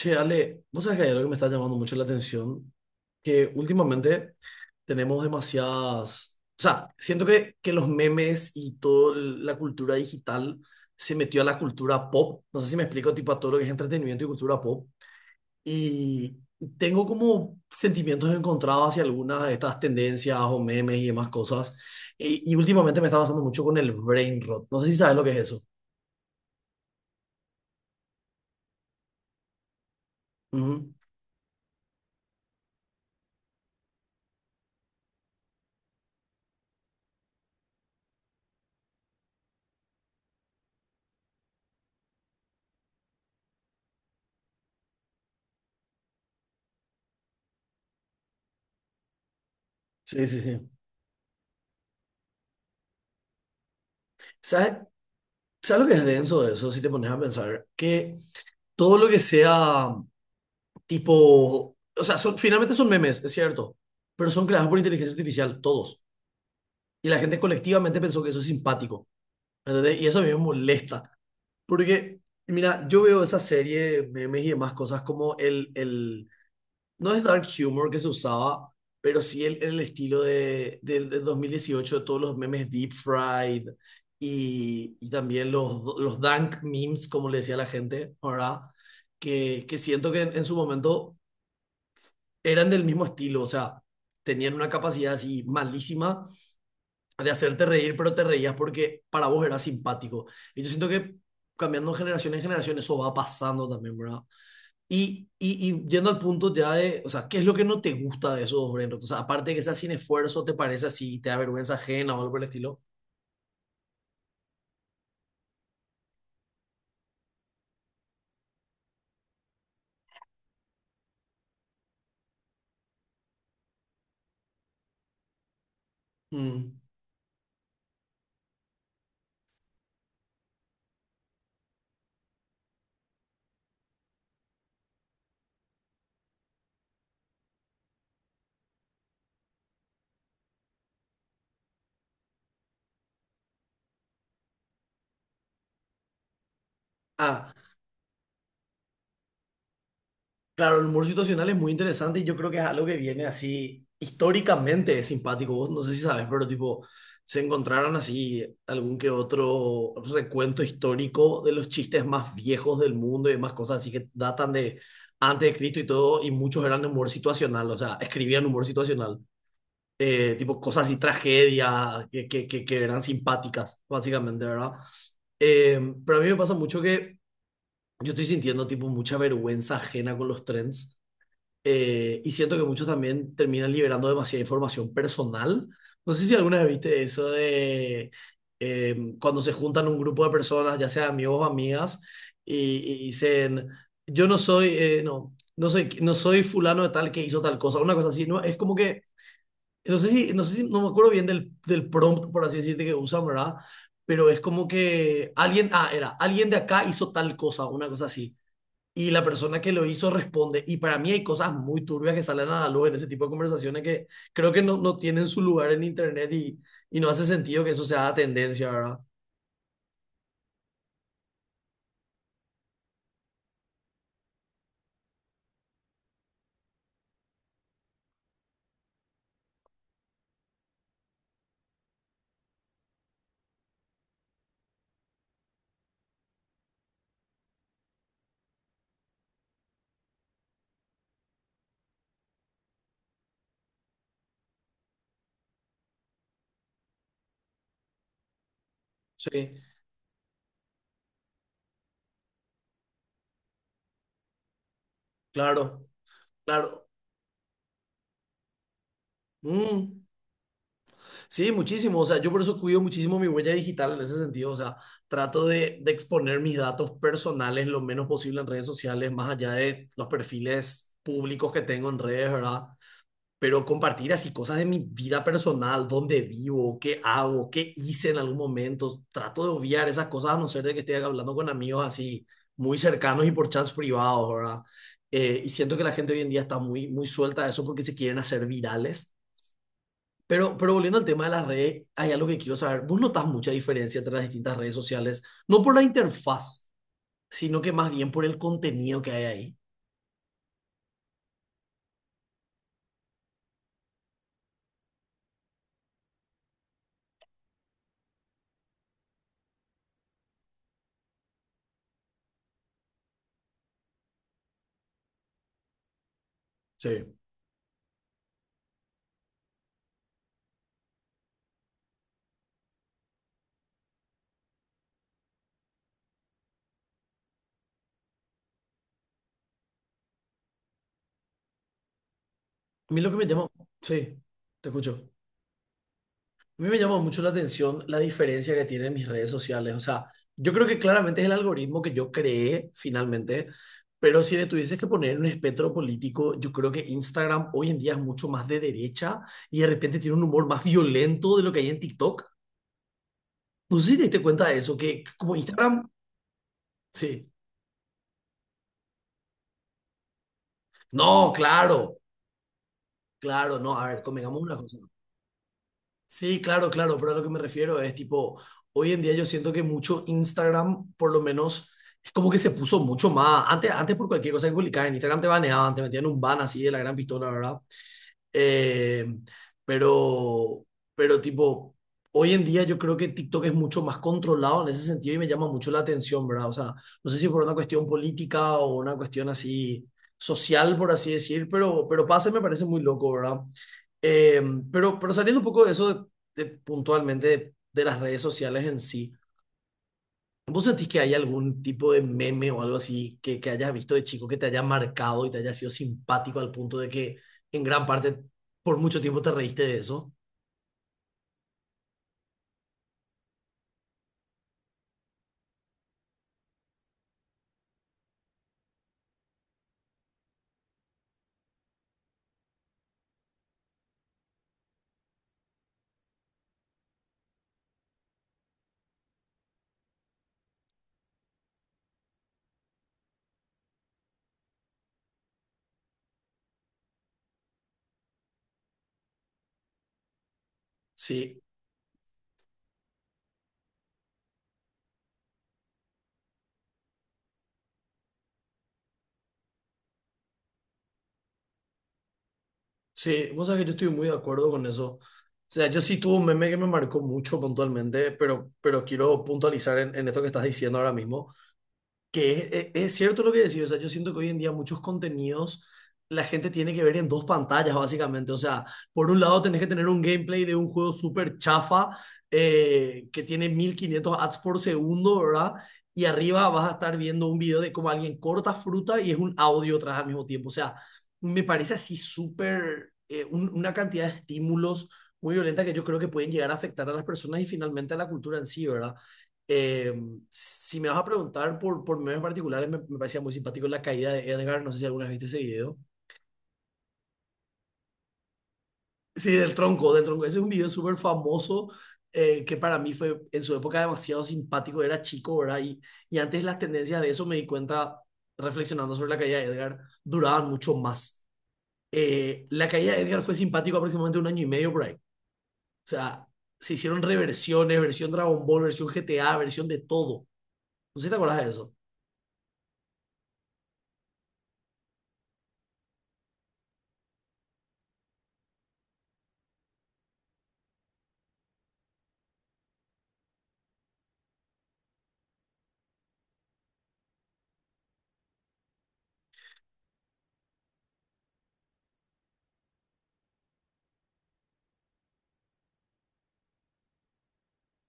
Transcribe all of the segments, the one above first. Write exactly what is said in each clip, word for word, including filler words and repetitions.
Che, Ale, vos sabés que hay algo que me está llamando mucho la atención, que últimamente tenemos demasiadas, o sea, siento que, que los memes y toda la cultura digital se metió a la cultura pop, no sé si me explico, tipo a todo lo que es entretenimiento y cultura pop, y tengo como sentimientos encontrados hacia algunas de estas tendencias o memes y demás cosas, y, y últimamente me está pasando mucho con el brain rot, no sé si sabes lo que es eso. Ujú. Sí, sí, sí. ¿Sabes? ¿Sabes lo que es denso de eso? Si te pones a pensar que todo lo que sea tipo, o sea, son- finalmente son memes, es cierto, pero son creados por inteligencia artificial, todos. Y la gente colectivamente pensó que eso es simpático, ¿entendés? Y eso a mí me molesta, porque, mira, yo veo esa serie de memes y demás cosas como el, el, no es dark humor que se usaba, pero sí el, el estilo de, del del dos mil dieciocho, de todos los memes deep fried y, y también los, los dank memes, como le decía la gente, ¿verdad? Que, que siento que en, en su momento eran del mismo estilo, o sea, tenían una capacidad así malísima de hacerte reír, pero te reías porque para vos era simpático. Y yo siento que cambiando de generación en generación eso va pasando también, ¿verdad? Y, y, y yendo al punto ya de, o sea, ¿qué es lo que no te gusta de esos dos Brent? O sea, aparte de que sea sin esfuerzo, ¿te parece así? ¿Te da vergüenza ajena o algo por el estilo? Mm. Ah, claro, el humor situacional es muy interesante y yo creo que es algo que viene así históricamente es simpático. Vos no sé si sabes, pero tipo, se encontraron así algún que otro recuento histórico de los chistes más viejos del mundo y demás cosas así que datan de antes de Cristo y todo, y muchos eran de humor situacional, o sea, escribían humor situacional. eh, tipo cosas y tragedias que, que, que, que eran simpáticas, básicamente, ¿verdad? Eh, pero a mí me pasa mucho que yo estoy sintiendo tipo mucha vergüenza ajena con los trends eh, Y siento que muchos también terminan liberando demasiada información personal. No sé si alguna vez viste eso de eh, cuando se juntan un grupo de personas, ya sea amigos o amigas, y, y dicen, yo no soy, eh, no, no soy, no soy fulano de tal que hizo tal cosa, una cosa así, ¿no? Es como que no sé si, no sé si, no me acuerdo bien del, del prompt, por así decirte, que usan, ¿verdad? Pero es como que alguien, ah, era, alguien de acá hizo tal cosa, una cosa así. Y la persona que lo hizo responde. Y para mí hay cosas muy turbias que salen a la luz en ese tipo de conversaciones que creo que no, no tienen su lugar en internet y, y no hace sentido que eso sea tendencia, ¿verdad? Sí, claro, claro. Mm. Sí, muchísimo. O sea, yo por eso cuido muchísimo mi huella digital en ese sentido. O sea, trato de, de exponer mis datos personales lo menos posible en redes sociales, más allá de los perfiles públicos que tengo en redes, ¿verdad? Pero compartir así cosas de mi vida personal, dónde vivo, qué hago, qué hice en algún momento. Trato de obviar esas cosas a no ser de que esté hablando con amigos así muy cercanos y por chats privados, ¿verdad? Eh, y siento que la gente hoy en día está muy, muy suelta a eso porque se quieren hacer virales pero, pero volviendo al tema de las redes, hay algo que quiero saber. ¿Vos notas mucha diferencia entre las distintas redes sociales? No por la interfaz, sino que más bien por el contenido que hay ahí. Sí. A mí lo que me llama, sí, te escucho. A mí me llama mucho la atención la diferencia que tienen mis redes sociales. O sea, yo creo que claramente es el algoritmo que yo creé finalmente, pero si le tuvieses que poner un espectro político, yo creo que Instagram hoy en día es mucho más de derecha y de repente tiene un humor más violento de lo que hay en TikTok. No sé si te diste cuenta de eso, que como Instagram, sí. No, claro, claro, no, a ver, convengamos una cosa. Sí, claro, claro, pero a lo que me refiero es tipo, hoy en día yo siento que mucho Instagram, por lo menos, es como que se puso mucho más. Antes, antes por cualquier cosa que publicaba en Instagram te baneaban, te metían un ban así de la gran pistola, ¿verdad? Eh, pero, pero tipo, hoy en día yo creo que TikTok es mucho más controlado en ese sentido y me llama mucho la atención, ¿verdad? O sea, no sé si por una cuestión política o una cuestión así social, por así decir, pero, pero pase me parece muy loco, ¿verdad? Eh, pero, pero saliendo un poco de eso de- de puntualmente de, de las redes sociales en sí, ¿vos sentís que hay algún tipo de meme o algo así que, que hayas visto de chico que te haya marcado y te haya sido simpático al punto de que en gran parte por mucho tiempo te reíste de eso? Sí, sí, vos sabés que yo estoy muy de acuerdo con eso. O sea, yo sí tuve un meme que me marcó mucho puntualmente, pero, pero quiero puntualizar en, en esto que estás diciendo ahora mismo. Que es, e, es- cierto lo que decís, o sea, yo siento que hoy en día muchos contenidos la gente tiene que ver en dos pantallas, básicamente. O sea, por un lado tenés que tener un gameplay de un juego súper chafa eh, que tiene mil quinientos ads por segundo, ¿verdad? Y arriba vas a estar viendo un video de cómo alguien corta fruta y es un audio atrás al mismo tiempo. O sea, me parece así súper, eh, un- una cantidad de estímulos muy violenta que yo creo que pueden llegar a afectar a las personas y finalmente a la cultura en sí, ¿verdad? Em, si me vas a preguntar por, por memes particulares, me, me parecía muy simpático la caída de Edgar. No sé si alguna vez viste ese video. Sí, del tronco, del tronco. Ese es un video súper famoso eh, que para mí fue en su época demasiado simpático. Era chico, ¿verdad? Y, y antes las tendencias de eso me di cuenta reflexionando sobre la caída de Edgar duraban mucho más. Eh, la caída de Edgar fue simpático aproximadamente un año y medio por ahí. O sea, se hicieron reversiones, versión Dragon Ball, versión G T A, versión de todo. No sé si te acuerdas de eso.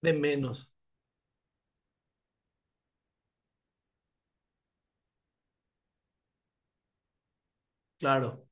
De menos, claro.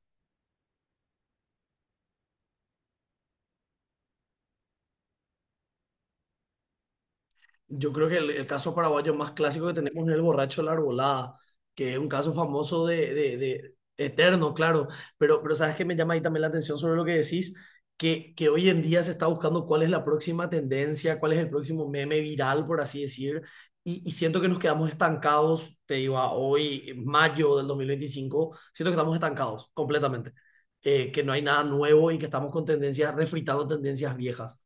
Yo creo que el, el caso paraguayo más clásico que tenemos es el borracho de la arbolada, que es un caso famoso de, de, de- eterno, claro, pero, pero sabes que me llama ahí también la atención sobre lo que decís, que, que hoy en día se está buscando cuál es la próxima tendencia, cuál es el próximo meme viral, por así decir, y, y siento que nos quedamos estancados, te digo, a hoy, mayo del dos mil veinticinco, siento que estamos estancados completamente, eh, que no hay nada nuevo y que estamos con tendencias, refritando tendencias viejas,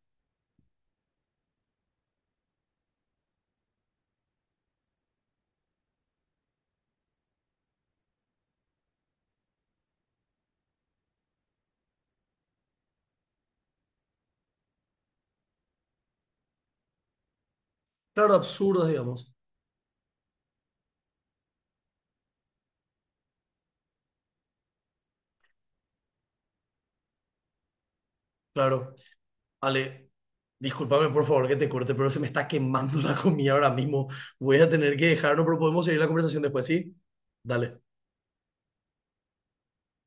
claro, absurdas, digamos, claro. Ale, discúlpame por favor que te corte, pero se me está quemando la comida ahora mismo. Voy a tener que dejarlo, pero podemos seguir la conversación después, ¿sí? Dale.